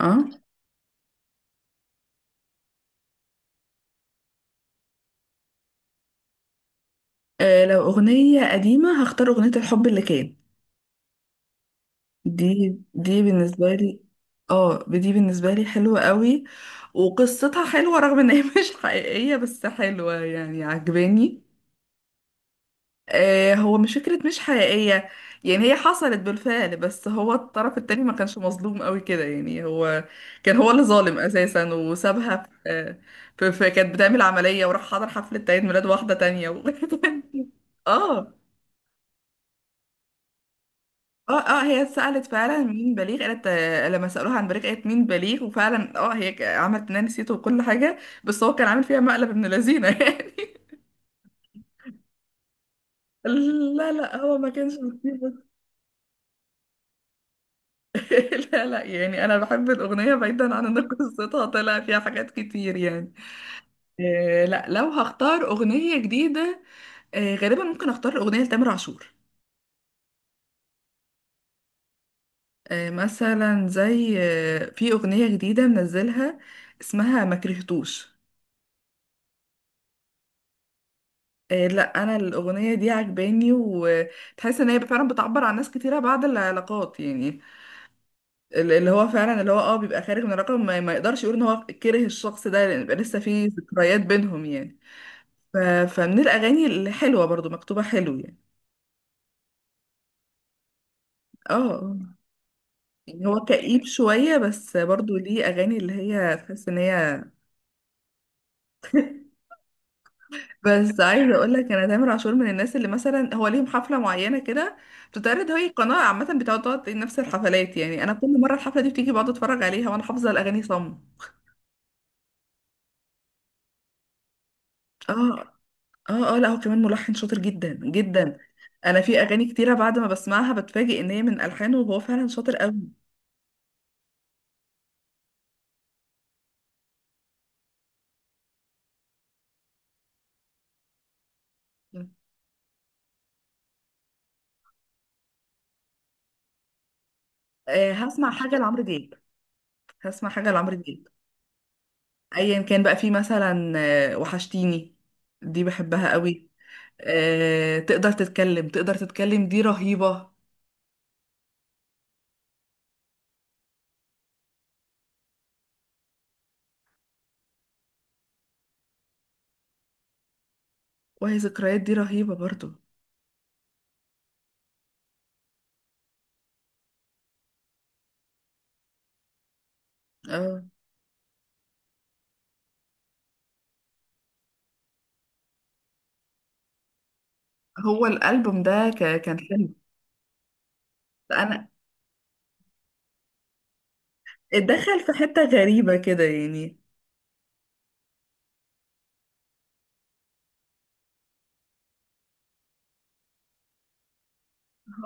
اه. آه، لو أغنية قديمة هختار أغنية الحب اللي كان دي. بالنسبة لي اه دي بالنسبة لي حلوة قوي، وقصتها حلوة رغم ان هي مش حقيقية، بس حلوة يعني عجباني. آه هو مش فكرة مش حقيقية، يعني هي حصلت بالفعل بس هو الطرف التاني ما كانش مظلوم قوي كده. يعني هو اللي ظالم اساسا، وسابها في في كانت بتعمل عملية وراح حضر حفلة عيد ميلاد واحدة تانية و... اه. اه هي سألت فعلا مين بليغ، قالت آه، لما سألوها عن بليغ قالت مين بليغ، وفعلا اه هي عملت انها نسيته وكل حاجة. بس هو كان عامل فيها مقلب ابن لذينة يعني. لا لا، هو ما كانش مصيبة. لا لا، يعني انا بحب الأغنية بعيدا عن ان قصتها طلع فيها حاجات كتير يعني. آه لا، لو هختار أغنية جديدة آه غالبا ممكن اختار الأغنية لتامر عاشور. آه مثلا زي آه، في أغنية جديدة منزلها اسمها ما كرهتوش. إيه لا، انا الاغنيه دي عجباني، وتحس ان هي فعلا بتعبر عن ناس كتيره بعد العلاقات. يعني اللي هو فعلا اللي هو اه بيبقى خارج من الرقم، ما يقدرش يقول ان هو كره الشخص ده لان بيبقى لسه في ذكريات بينهم يعني. ف... فمن الاغاني الحلوه برضو، مكتوبه حلو يعني. اه آه. يعني هو كئيب شويه بس برضو ليه اغاني اللي هي تحس ان هي، بس عايزه اقول لك انا تامر عاشور من الناس اللي مثلا هو ليهم حفله معينه كده بتتعرض. هي قناه عامه بتقعد نفس الحفلات. يعني انا كل مره الحفله دي بتيجي بقعد اتفرج عليها، وانا حافظه الاغاني صم. اه. اه لا هو كمان ملحن شاطر جدا جدا. انا في اغاني كتيره بعد ما بسمعها بتفاجئ ان هي من الحانه، وهو فعلا شاطر قوي. آه هسمع حاجه لعمرو دياب. هسمع حاجه لعمرو دياب. ايا كان بقى، في مثلا آه وحشتيني، دي بحبها قوي. آه تقدر تتكلم، تقدر تتكلم، دي رهيبه. وهي ذكريات دي رهيبة برضو. اه، هو الألبوم ده كان حلو. أنا اتدخل في حتة غريبة كده يعني.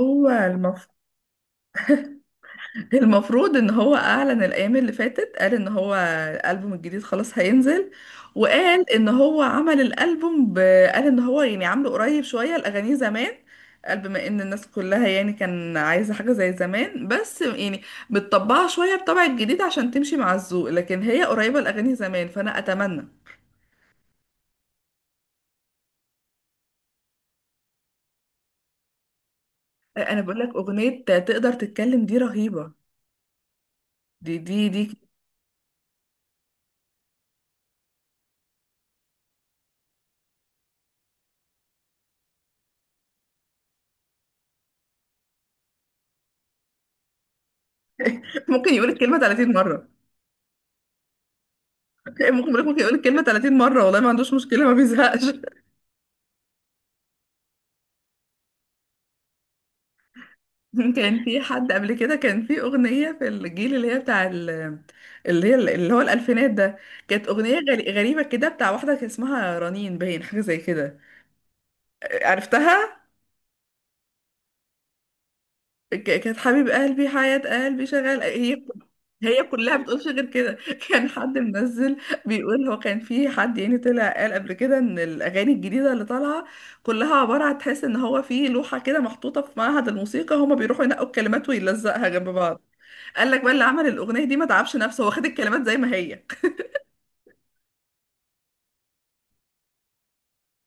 هو المف... المفروض إن هو أعلن الأيام اللي فاتت، قال إن هو الألبوم الجديد خلاص هينزل. وقال إن هو عمل الألبوم ب... قال إن هو يعني عامله قريب شوية الأغاني زمان. قال بما إن الناس كلها يعني كان عايزة حاجة زي زمان، بس يعني بتطبعها شوية بطبع الجديد عشان تمشي مع الذوق، لكن هي قريبة الأغاني زمان، فأنا أتمنى. انا بقول لك اغنيه تقدر تتكلم دي رهيبه. دي. ممكن يقول الكلمه 30 مره. ممكن بقولك، ممكن يقول الكلمه 30 مره والله، ما عندوش مشكله، ما بيزهقش. كان في حد قبل كده، كان في اغنيه في الجيل اللي هي اللي هي اللي هو الالفينات ده، كانت اغنيه غريبه كده بتاع واحده كان اسمها رنين، باين حاجه زي كده، عرفتها. كانت حبيب قلبي حياة قلبي شغال هي. هي كلها بتقولش غير كده. كان حد منزل، بيقول هو كان في حد يعني طلع قال قبل كده، ان الاغاني الجديده اللي طالعه كلها عباره عن، تحس ان هو في لوحه كده محطوطه في معهد الموسيقى، هما بيروحوا ينقوا الكلمات ويلزقها جنب بعض. قال لك بقى اللي عمل الاغنيه دي ما تعبش نفسه، هو خد الكلمات زي ما هي.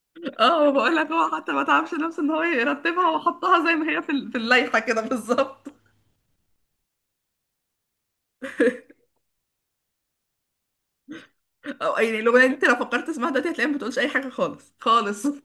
اه بقول لك، هو حتى ما تعبش نفسه ان هو يرتبها، وحطها زي ما هي في اللائحه كده بالظبط. او يعني الاغنيه دي انت لو فكرت تسمعها دلوقتي، هتلاقيها ما بتقولش اي حاجه خالص خالص.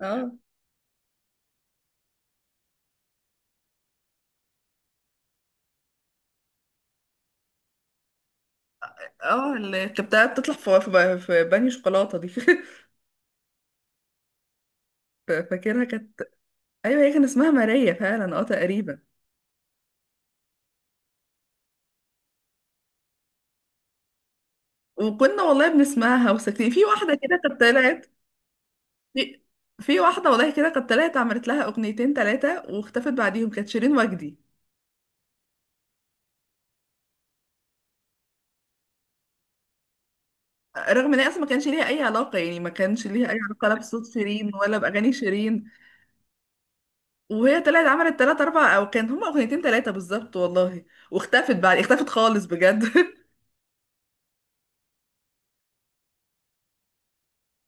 اه. اه اللي كانت بتاعت تطلع في بني شوكولاته دي فاكرها كانت، ايوه هي كان اسمها ماريا فعلا اه تقريبا. وكنا والله بنسمعها وساكتين في واحده كده كانت طلعت. في في واحده والله كده كانت طلعت، عملت لها اغنيتين ثلاثه واختفت بعديهم، كانت شيرين وجدي. رغم ان هي اصلا ما كانش ليها اي علاقه، يعني ما كانش ليها اي علاقه لا بصوت شيرين ولا باغاني شيرين. وهي طلعت عملت ثلاثه اربعه، او كان هما اغنيتين ثلاثه بالظبط والله. واختفت بعد اختفت خالص بجد.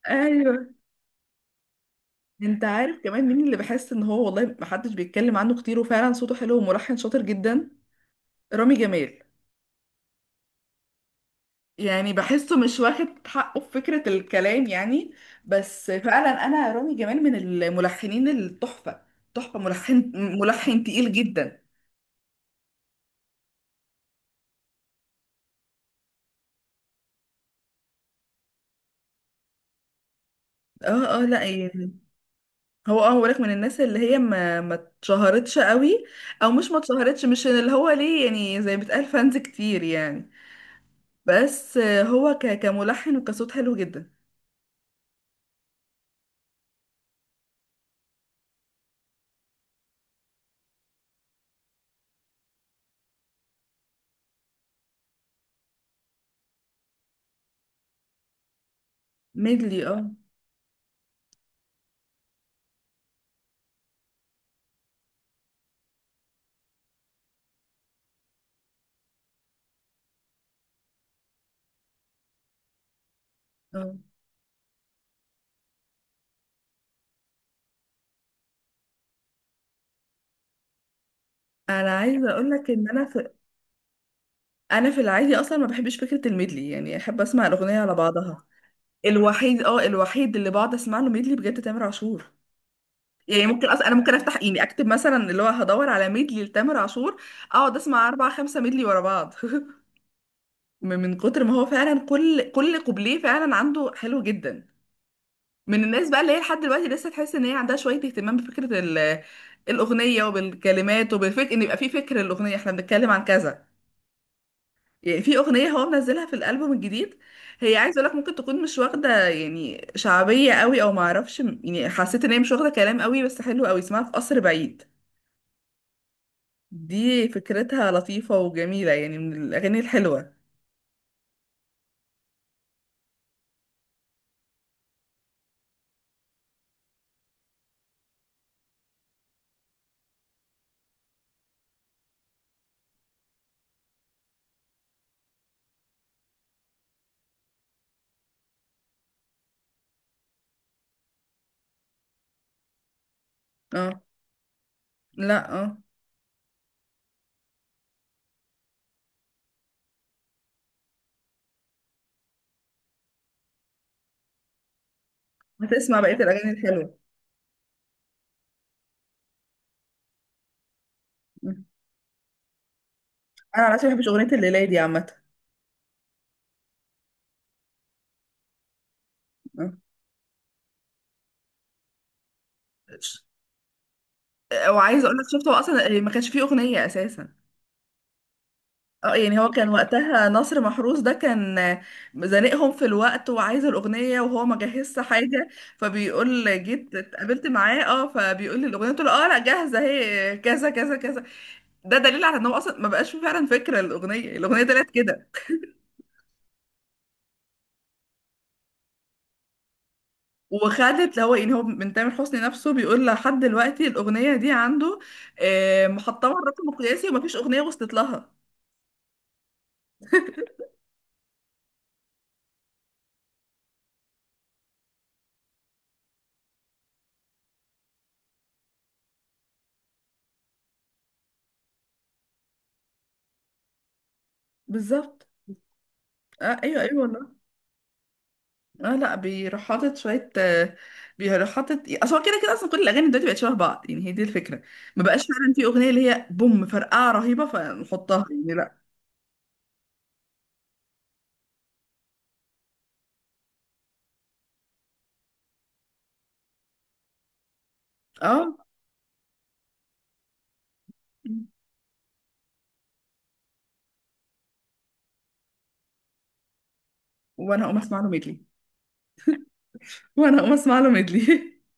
ايوه. انت عارف كمان مين اللي بحس ان هو والله محدش بيتكلم عنه كتير، وفعلا صوته حلو وملحن شاطر جدا؟ رامي جمال. يعني بحسه مش واخد حقه في فكرة الكلام يعني. بس فعلا انا رامي جمال من الملحنين التحفة. تحفة ملحن. ملحن تقيل جدا. اه. اه لا يعني هو اه هو لك من الناس اللي هي ما اتشهرتش قوي. او مش ما اتشهرتش، مش اللي هو ليه يعني زي ما بتقال فانز كتير يعني. بس هو كملحن وكصوت حلو جدا. ميدلي اه. اه انا عايزه اقول لك ان انا في، انا في العادي اصلا ما بحبش فكره الميدلي، يعني احب اسمع الاغنيه على بعضها. الوحيد اه الوحيد اللي بقعد اسمع له ميدلي بجد تامر عاشور. يعني ممكن اصلا انا ممكن افتح، يعني اكتب مثلا اللي هو هدور على ميدلي لتامر عاشور، اقعد اسمع اربع خمسه ميدلي ورا بعض. من كتر ما هو فعلا، كل كوبليه فعلا عنده حلو جدا. من الناس بقى اللي هي لحد دلوقتي لسه تحس ان هي عندها شويه اهتمام بفكره الاغنيه وبالكلمات وبالفكر، ان يبقى في فكر الاغنيه، احنا بنتكلم عن كذا يعني. في اغنيه هو منزلها في الالبوم الجديد، هي عايز اقول لك ممكن تكون مش واخده يعني شعبيه قوي او ما اعرفش، يعني حسيت ان هي مش واخده كلام قوي، بس حلو قوي، اسمها في قصر بعيد. دي فكرتها لطيفه وجميله، يعني من الاغاني الحلوه. اه لا اه هتسمع بقيه الاغاني الحلوه. م. انا على فكره ما بحبش اغنيه الليله دي عامه. اه. ش- وعايزه اقول لك شفت، هو اصلا ما كانش فيه اغنيه اساسا. اه يعني هو كان وقتها نصر محروس ده كان زنقهم في الوقت وعايز الأغنية، وهو ما جهزش حاجة. فبيقول جيت اتقابلت معاه، اه فبيقول لي الأغنية، قلت له اه لا جاهزة اهي كذا كذا كذا. ده دليل على ان هو اصلا ما بقاش فيه فعلا فكرة الأغنية، الأغنية طلعت كده. وخدت اللي هو يعني هو من تامر حسني نفسه بيقول لحد دلوقتي الأغنية دي عنده آه، محطمة الرقم القياسي ومفيش أغنية وصلت لها. بالظبط. اه ايوه ايوه والله. اه لا بيروح حاطط شويه آه، بيروح حاطط. اصل هو كده كده اصلا كل الاغاني دلوقتي بقت شبه بعض، يعني هي دي الفكره. ما بقاش فعلا في اغنيه اللي هي بوم فرقعه رهيبه فنحطها، يعني لا. اه وانا اقوم اسمع له ميدلي. وانا اقوم اسمع له ميدلي.